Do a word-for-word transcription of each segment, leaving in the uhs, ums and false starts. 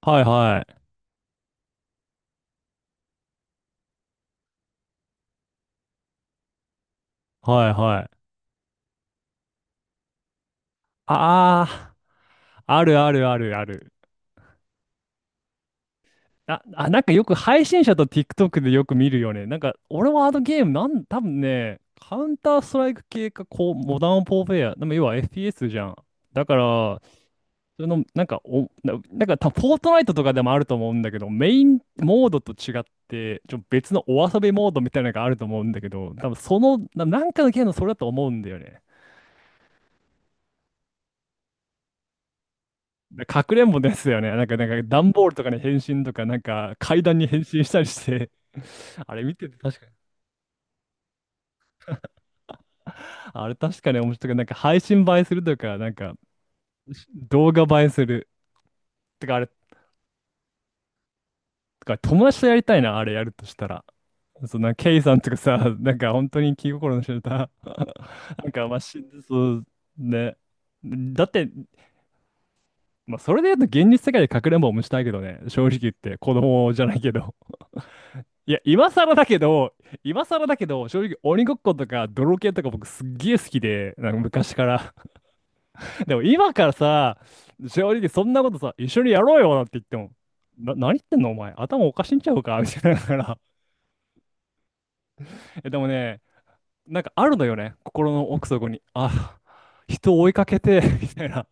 はいはい。はいはい。ああ、あるあるあるある。あ、あ、なんかよく配信者と ティックトック でよく見るよね。なんか俺はあのゲーム、なん、多分ね、カウンターストライク系か、こう、モダンポーフェア。でも要は エフピーエス じゃん。だから、その、なんかお、な、なんかた、フォートナイトとかでもあると思うんだけど、メインモードと違って、ちょ、別のお遊びモードみたいなのがあると思うんだけど、多分その、な、なんかのゲームのそれだと思うんだよね。かくれんぼですよね。なんか、なんか、段ボールとかに変身とか、なんか、階段に変身したりして、あれ見てて確かに、あれ確かに面白い。なんか、配信映えするとか、なんか、し動画映えする。てか、あれ、てか、友達とやりたいな、あれやるとしたら。そんな、ケイさんとかさ、なんか、本当に気心の知れた なんか、まあ、し、そう、ね。だって、まあ、それで言うと、現実世界でかくれんぼもしたいけどね。正直言って、子供じゃないけど。いや、今更だけど、今更だけど、正直鬼ごっことか泥系とか僕すっげえ好きで、なんか昔から。でも今からさ、正直そんなことさ、一緒にやろうよなんて言っても、な、何言ってんのお前、頭おかしいんちゃうかみたいなだから。え、でもね、なんかあるのよね、心の奥底に。あ、人を追いかけて、みたいな。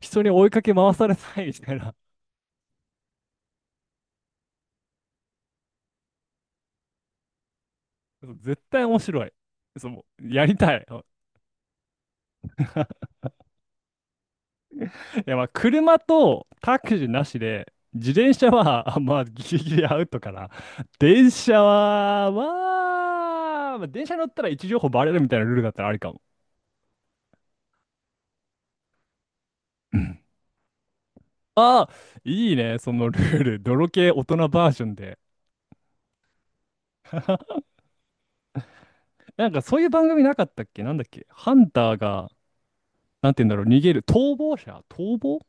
人に追いかけ回されたい、みたいな。絶対面白い。そう、やりたい。いやまあ車とタクシーなしで、自転車はあまあギリギリアウトかな。電車は、まあ、まあ、電車乗ったら位置情報バレるみたいなルールだったらありかも。ああ、いいね、そのルール。泥系大人バージョンで。なんかそういう番組なかったっけなんだっけハンターが、なんて言うんだろう、逃げる。逃亡者逃亡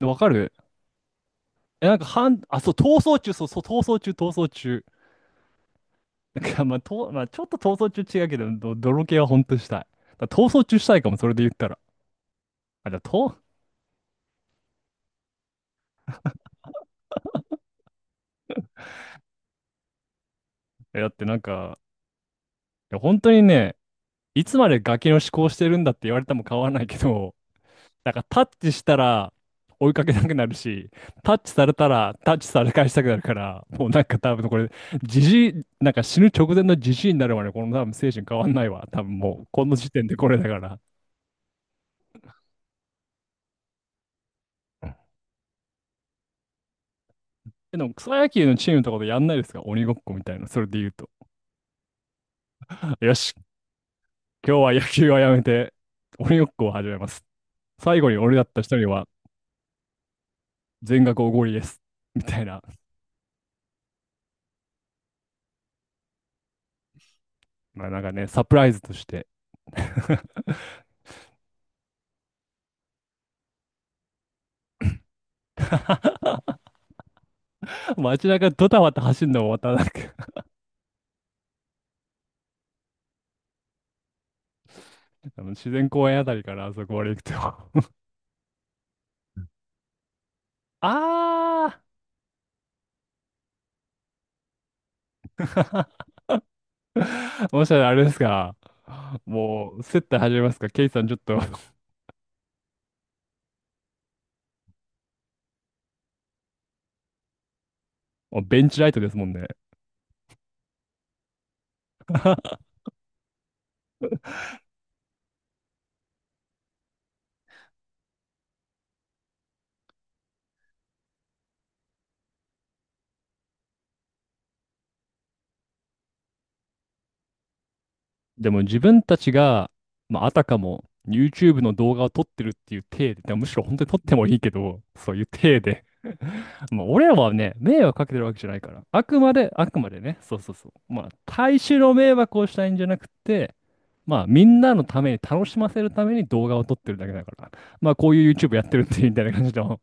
わかるえ、なんかハン、あ、そう、逃走中、そうそう、逃走中、逃走中。なんか、まあ、と、まあ、ちょっと逃走中違うけど、ど泥系はほんとしたい。だから逃走中したいかも、それで言ったら。あ、じゃあ、と、え、だってなんか、いや、本当にね、いつまでガキの思考してるんだって言われても変わらないけど、なんかタッチしたら追いかけなくなるし、タッチされたらタッチされ返したくなるから、もうなんか多分これ、じじい、なんか死ぬ直前のじじいになるまで、この多分精神変わんないわ。多分もう、この時点でこれだから。えでも草野球のチームとかでやんないですか鬼ごっこみたいな、それで言うと。よし。今日は野球はやめて、鬼ごっこを始めます。最後に俺だった人には全額おごりです。みたいな。まあなんかね、サプライズとして。街中ドタバタ走るのもまたなんか あの自然公園あたりからあそこまで行くと あー もしかしたらあれですか。もう、接待始めますか。ケイさんちょっと もうベンチライトですもんね。でも自分たちが、まあ、あたかも YouTube の動画を撮ってるっていう体で、でもむしろ本当に撮ってもいいけど、そういう体で まあ俺らはね、迷惑かけてるわけじゃないから。あくまで、あくまでね、そうそうそう。まあ、大衆の迷惑をしたいんじゃなくて、まあ、みんなのために、楽しませるために動画を撮ってるだけだから。まあ、こういう YouTube やってるっていうみたいな感じの、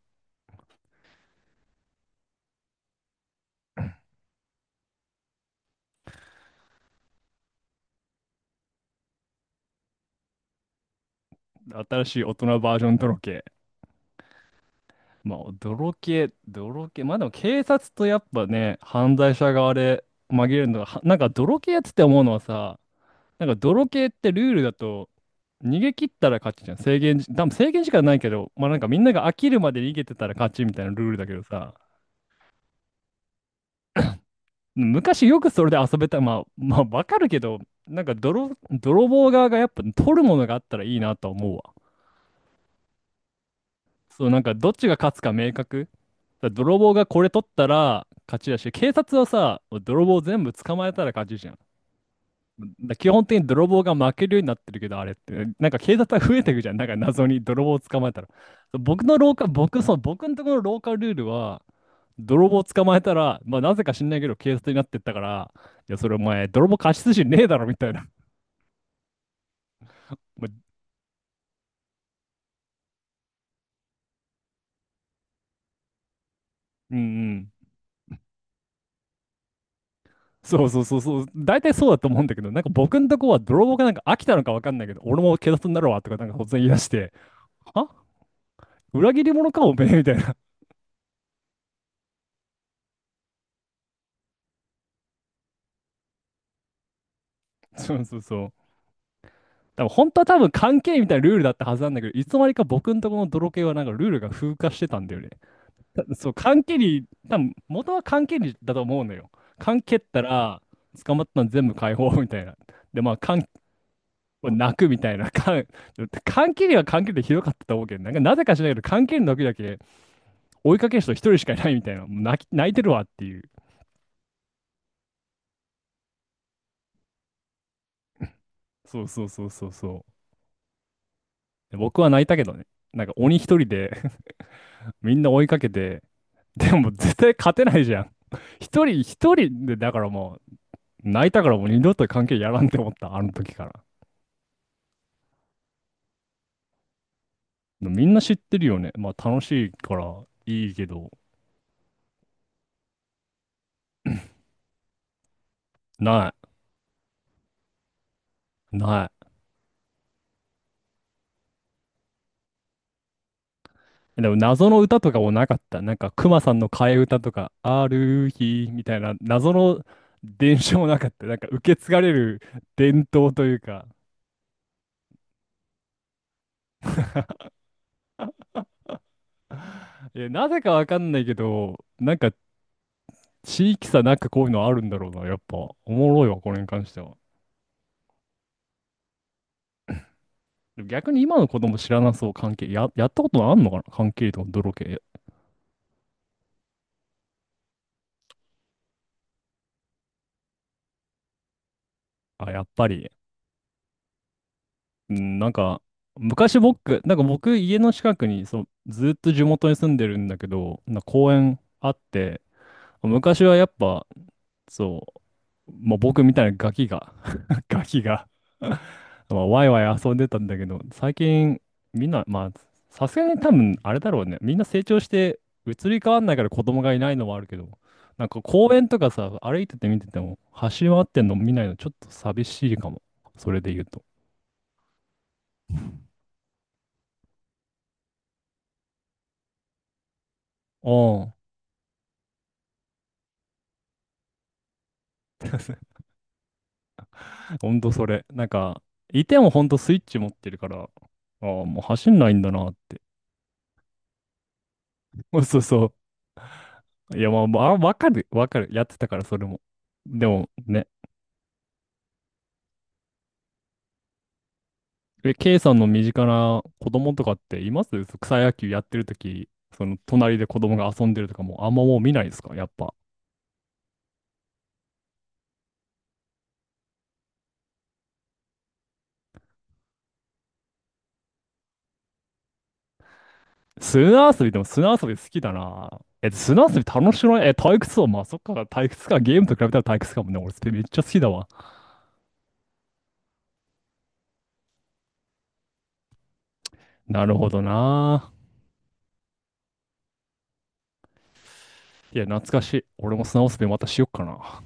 新しい大人バージョンとろけ。まあ、泥系、泥系。まあでも警察とやっぱね、犯罪者側で紛れるのが、はなんか泥系やつってて思うのはさ、なんか泥系ってルールだと、逃げ切ったら勝ちじゃん。制限時、多分制限時間ないけど、まあなんかみんなが飽きるまで逃げてたら勝ちみたいなルールだけどさ、昔よくそれで遊べた、まあ、まあわかるけど、なんか泥、泥棒側がやっぱ取るものがあったらいいなとは思うわ。そう、なんかどっちが勝つか明確。だから泥棒がこれ取ったら勝ちだし、警察はさ、泥棒全部捕まえたら勝ちじゃん。だから基本的に泥棒が負けるようになってるけど、あれって、なんか警察が増えていくじゃん。なんか謎に泥棒を捕まえたら。僕の廊下、僕、そう、僕のところの廊下ルールは、泥棒を捕まえたら、まあなぜか知んないけど警察になってったから、いや、それお前、泥棒過失心ねえだろみたいな。まあうんうん。そうそうそうそう、大体そうだと思うんだけど、なんか僕のとこは泥棒がなんか飽きたのかわかんないけど、俺も警察になるわとかなんか突然言い出して、あ裏切り者かおめえみたいな。そうそうそう。多分本当は多分関係みたいなルールだったはずなんだけど、いつの間にか僕のとこの泥系はなんかルールが風化してたんだよね。たそう、関係に、多分元は関係にだと思うのよ。関係ったら捕まったの全部解放みたいな。で、まあ、関泣くみたいな。関 関係には関係でひどかったと思うけど、なんかなぜか知らないけど、関係の時だけ追いかける人一人しかいないみたいな、もう泣き、泣いてるわっていう。そうそうそうそうそう。で僕は泣いたけどね。なんか鬼一人で みんな追いかけて、でも絶対勝てないじゃん。一人一人で、だからもう泣いたからもう二度と関係やらんって思った、あの時から。でもみんな知ってるよね。まあ楽しいからいいけど、ない、ない。でも謎の歌とかもなかった。なんか、熊さんの替え歌とか、ある日みたいな謎の伝承もなかった。なんか、受け継がれる伝統というか。いやなぜかわかんないけど、なんか、地域差なんかこういうのあるんだろうな。やっぱ、おもろいわ、これに関しては。でも逆に今の子供知らなそう、関係。や、やったことあんのかな関係とか泥系。あ、やっぱり。うん、なんか、昔僕、なんか僕、家の近くに、そう、ずっと地元に住んでるんだけど、なんか公園あって、昔はやっぱ、そう、まあ、僕みたいなガキが、ガキが、まあ、ワイワイ遊んでたんだけど、最近、みんな、まあ、さすがに多分、あれだろうね。みんな成長して、移り変わんないから子供がいないのはあるけど、なんか公園とかさ、歩いてて見てても、走り回ってんの見ないのちょっと寂しいかも。それで言うと。ああ。ほんとそれ。なんか、いてもほんとスイッチ持ってるから、ああ、もう走んないんだなって。そうそう。いや、まあ、まあ、わかる、わかる。やってたから、それも。でもね、え、K さんの身近な子供とかっていますそ草野球やってるとき、その隣で子供が遊んでるとかも、あんまもう見ないですかやっぱ。砂遊びでも砂遊び好きだな。え、砂遊び楽しくないえ、退屈そう。まあ、そっか、退屈か。ゲームと比べたら退屈かもね。俺、それめっちゃ好きだわ。なるほどな。いや、懐かしい。俺も砂遊びまたしよっかな。